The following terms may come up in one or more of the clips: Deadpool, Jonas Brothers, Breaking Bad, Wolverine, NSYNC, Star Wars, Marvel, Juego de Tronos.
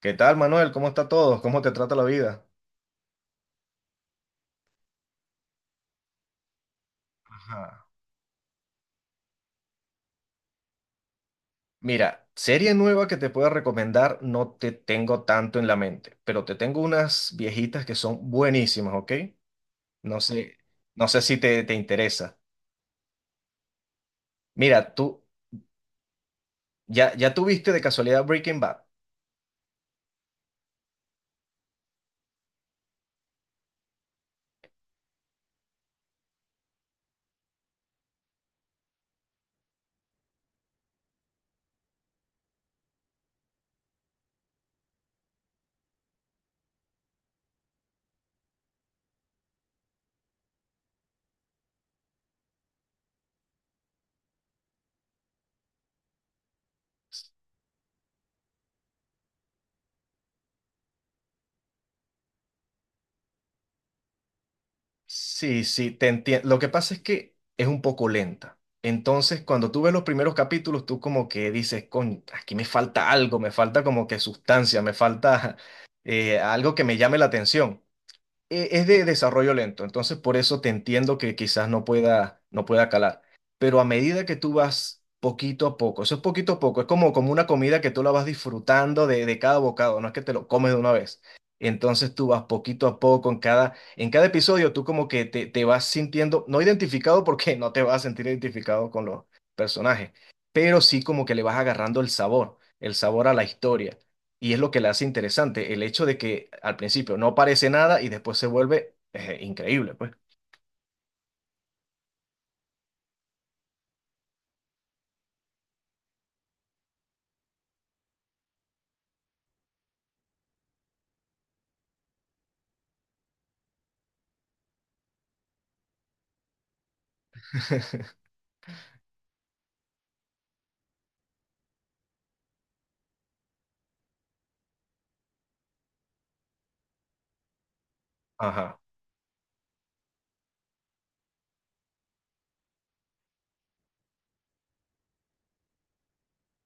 ¿Qué tal, Manuel? ¿Cómo está todo? ¿Cómo te trata la vida? Ajá. Mira, serie nueva que te pueda recomendar no te tengo tanto en la mente, pero te tengo unas viejitas que son buenísimas, ¿ok? No Ok. sé si te interesa. Mira, tú ya tuviste de casualidad Breaking Bad. Sí, sí, te entiendo. Lo que pasa es que es un poco lenta. Entonces, cuando tú ves los primeros capítulos, tú como que dices, coño, aquí me falta algo, me falta como que sustancia, me falta algo que me llame la atención. Es de desarrollo lento, entonces por eso te entiendo que quizás no pueda, no pueda calar. Pero a medida que tú vas poquito a poco, eso es poquito a poco, es como, como una comida que tú la vas disfrutando de cada bocado, no es que te lo comes de una vez. Entonces tú vas poquito a poco en cada episodio, tú como que te vas sintiendo, no identificado porque no te vas a sentir identificado con los personajes, pero sí como que le vas agarrando el sabor a la historia. Y es lo que la hace interesante, el hecho de que al principio no parece nada y después se vuelve increíble, pues. Ajá.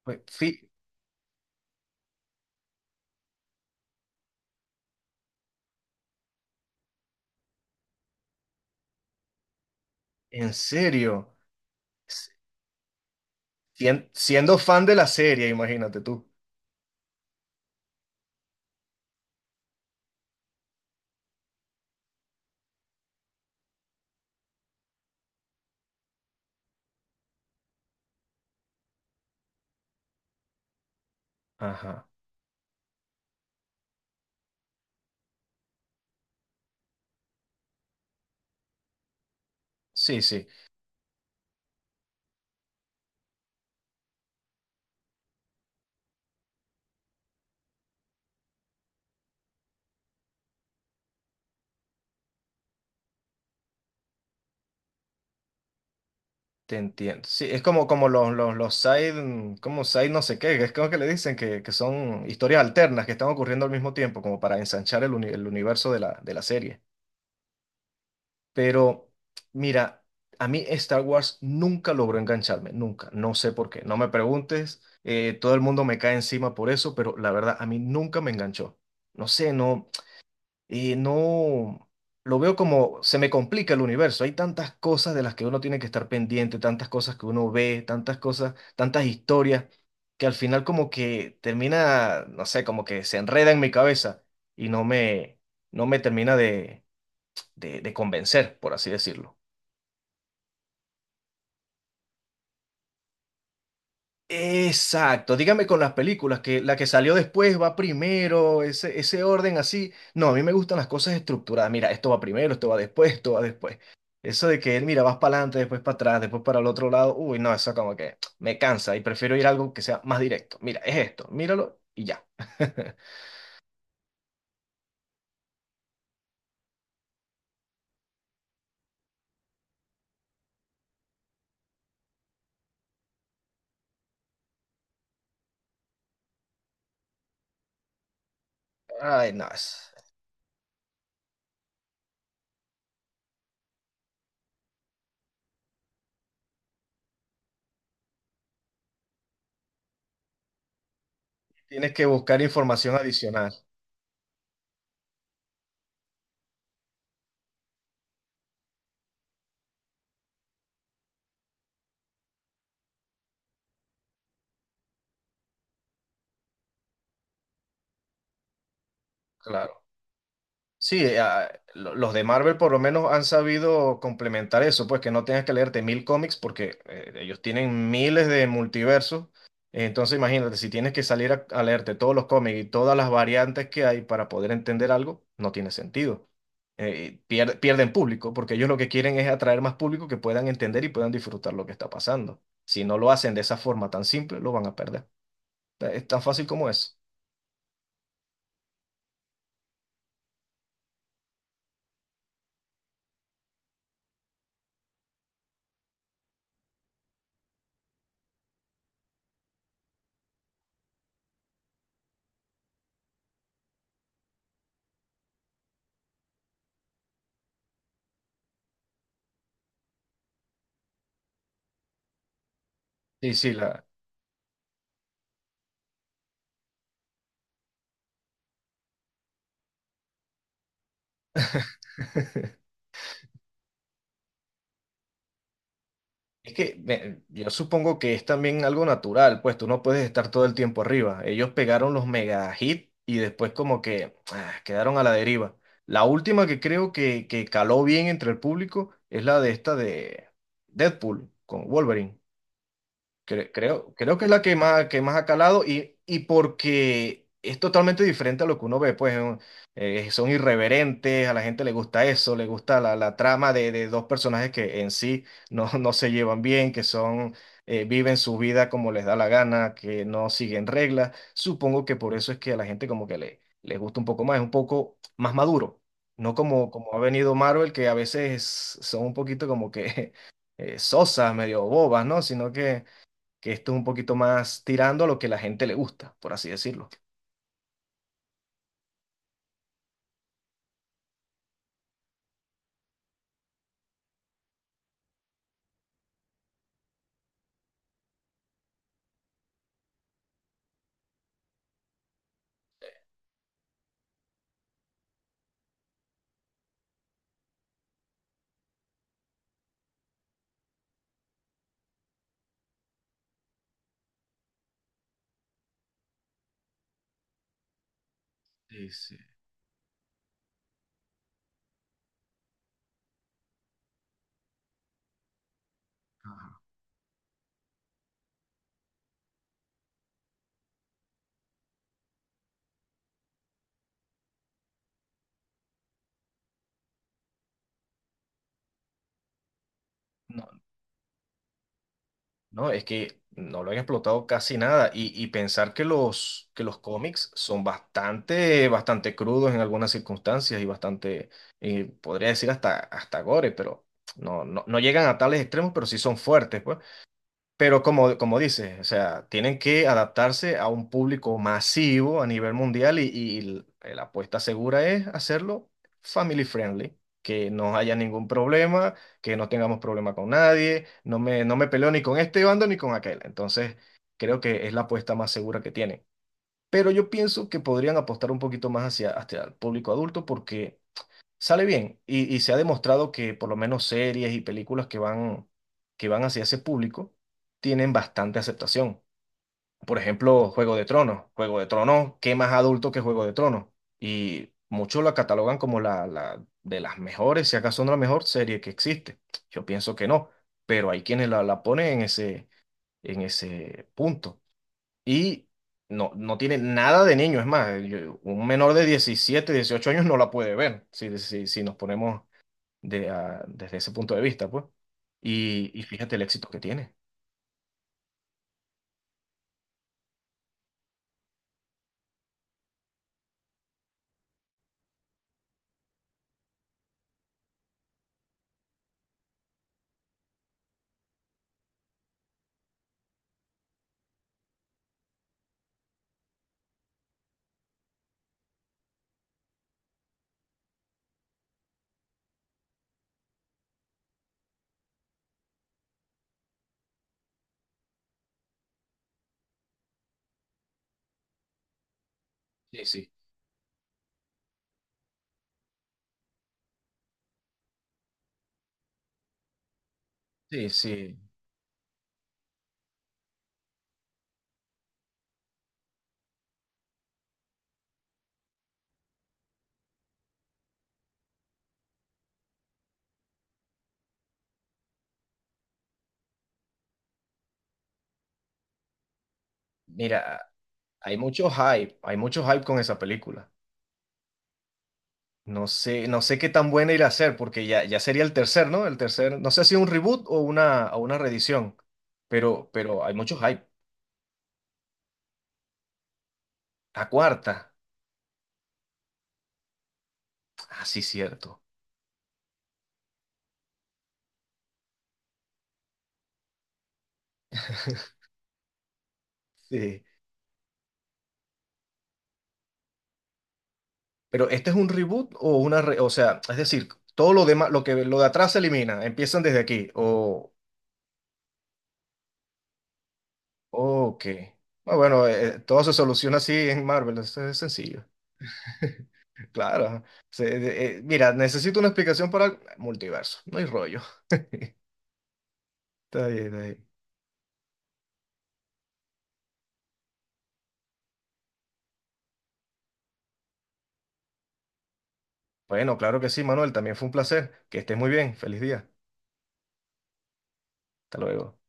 Pues, sí, en serio. Siendo fan de la serie, imagínate tú. Ajá. Sí, sí, te entiendo. Sí, es como, como los side, como side no sé qué, que es como que le dicen que son historias alternas que están ocurriendo al mismo tiempo, como para ensanchar el, el universo de la serie. Pero mira, a mí Star Wars nunca logró engancharme, nunca. No sé por qué. No me preguntes. Todo el mundo me cae encima por eso, pero la verdad, a mí nunca me enganchó. No sé, no, no. Lo veo como se me complica el universo. Hay tantas cosas de las que uno tiene que estar pendiente, tantas cosas que uno ve, tantas cosas, tantas historias, que al final como que termina, no sé, como que se enreda en mi cabeza y no me termina de convencer, por así decirlo. Exacto, dígame con las películas, que la que salió después va primero, ese orden así. No, a mí me gustan las cosas estructuradas. Mira, esto va primero, esto va después, esto va después. Eso de que, mira, vas para adelante, después para atrás, después para el otro lado, uy, no, eso como que me cansa y prefiero ir a algo que sea más directo. Mira, es esto, míralo y ya. Ay, no, tienes que buscar información adicional. Claro. Sí, los de Marvel por lo menos han sabido complementar eso, pues que no tengas que leerte mil cómics porque ellos tienen miles de multiversos. Entonces imagínate, si tienes que salir a leerte todos los cómics y todas las variantes que hay para poder entender algo, no tiene sentido. Pierden público porque ellos lo que quieren es atraer más público que puedan entender y puedan disfrutar lo que está pasando. Si no lo hacen de esa forma tan simple, lo van a perder. Es tan fácil como eso. Sí, sí, la. Es que yo supongo que es también algo natural, pues tú no puedes estar todo el tiempo arriba. Ellos pegaron los mega hit y después como que ah, quedaron a la deriva. La última que creo que caló bien entre el público es la de esta de Deadpool con Wolverine. Creo que es la que más ha calado y porque es totalmente diferente a lo que uno ve, pues son irreverentes, a la gente le gusta eso, le gusta la trama de dos personajes que en sí no, no se llevan bien, que son, viven su vida como les da la gana, que no siguen reglas. Supongo que por eso es que a la gente como que les gusta un poco más, es un poco más maduro, no como, como ha venido Marvel, que a veces son un poquito como que... sosas, medio bobas, ¿no? Sino que esto es un poquito más tirando a lo que la gente le gusta, por así decirlo. Sí, sí. Ajá. No, no, es que no lo han explotado casi nada y, y pensar que los cómics son bastante, bastante crudos en algunas circunstancias y bastante, podría decir hasta, hasta gore, pero no, no, no llegan a tales extremos, pero sí son fuertes, pues. Pero como, como dices, o sea, tienen que adaptarse a un público masivo a nivel mundial y la apuesta segura es hacerlo family friendly, que no haya ningún problema, que no tengamos problema con nadie, no me peleo ni con este bando ni con aquel. Entonces, creo que es la apuesta más segura que tienen. Pero yo pienso que podrían apostar un poquito más hacia, hacia el público adulto porque sale bien y se ha demostrado que por lo menos series y películas que van hacia ese público tienen bastante aceptación. Por ejemplo, Juego de Tronos. Juego de Tronos, ¿qué más adulto que Juego de Tronos? Y muchos la catalogan como la de las mejores, si acaso no la mejor serie que existe. Yo pienso que no, pero hay quienes la ponen en ese punto. Y no, no tiene nada de niño, es más, un menor de 17 18 años no la puede ver, si, si, si nos ponemos de, desde ese punto de vista, pues. Y fíjate el éxito que tiene. Sí, sí. Sí, sí. Mira, hay mucho hype con esa película. No sé, no sé qué tan buena irá a ser, porque ya, ya sería el tercer, ¿no? El tercer, no sé si un reboot o una reedición, pero hay mucho hype. La cuarta, ah, sí, cierto. Sí. Pero este es un reboot o una, o sea, es decir, todo lo demás, lo que lo de atrás se elimina, empiezan desde aquí, o... Ok. Ah, bueno, todo se soluciona así en Marvel, eso es sencillo. Claro. Mira, necesito una explicación para el multiverso. No hay rollo. Está bien, está bien. Bueno, claro que sí, Manuel, también fue un placer. Que estés muy bien. Feliz día. Hasta luego.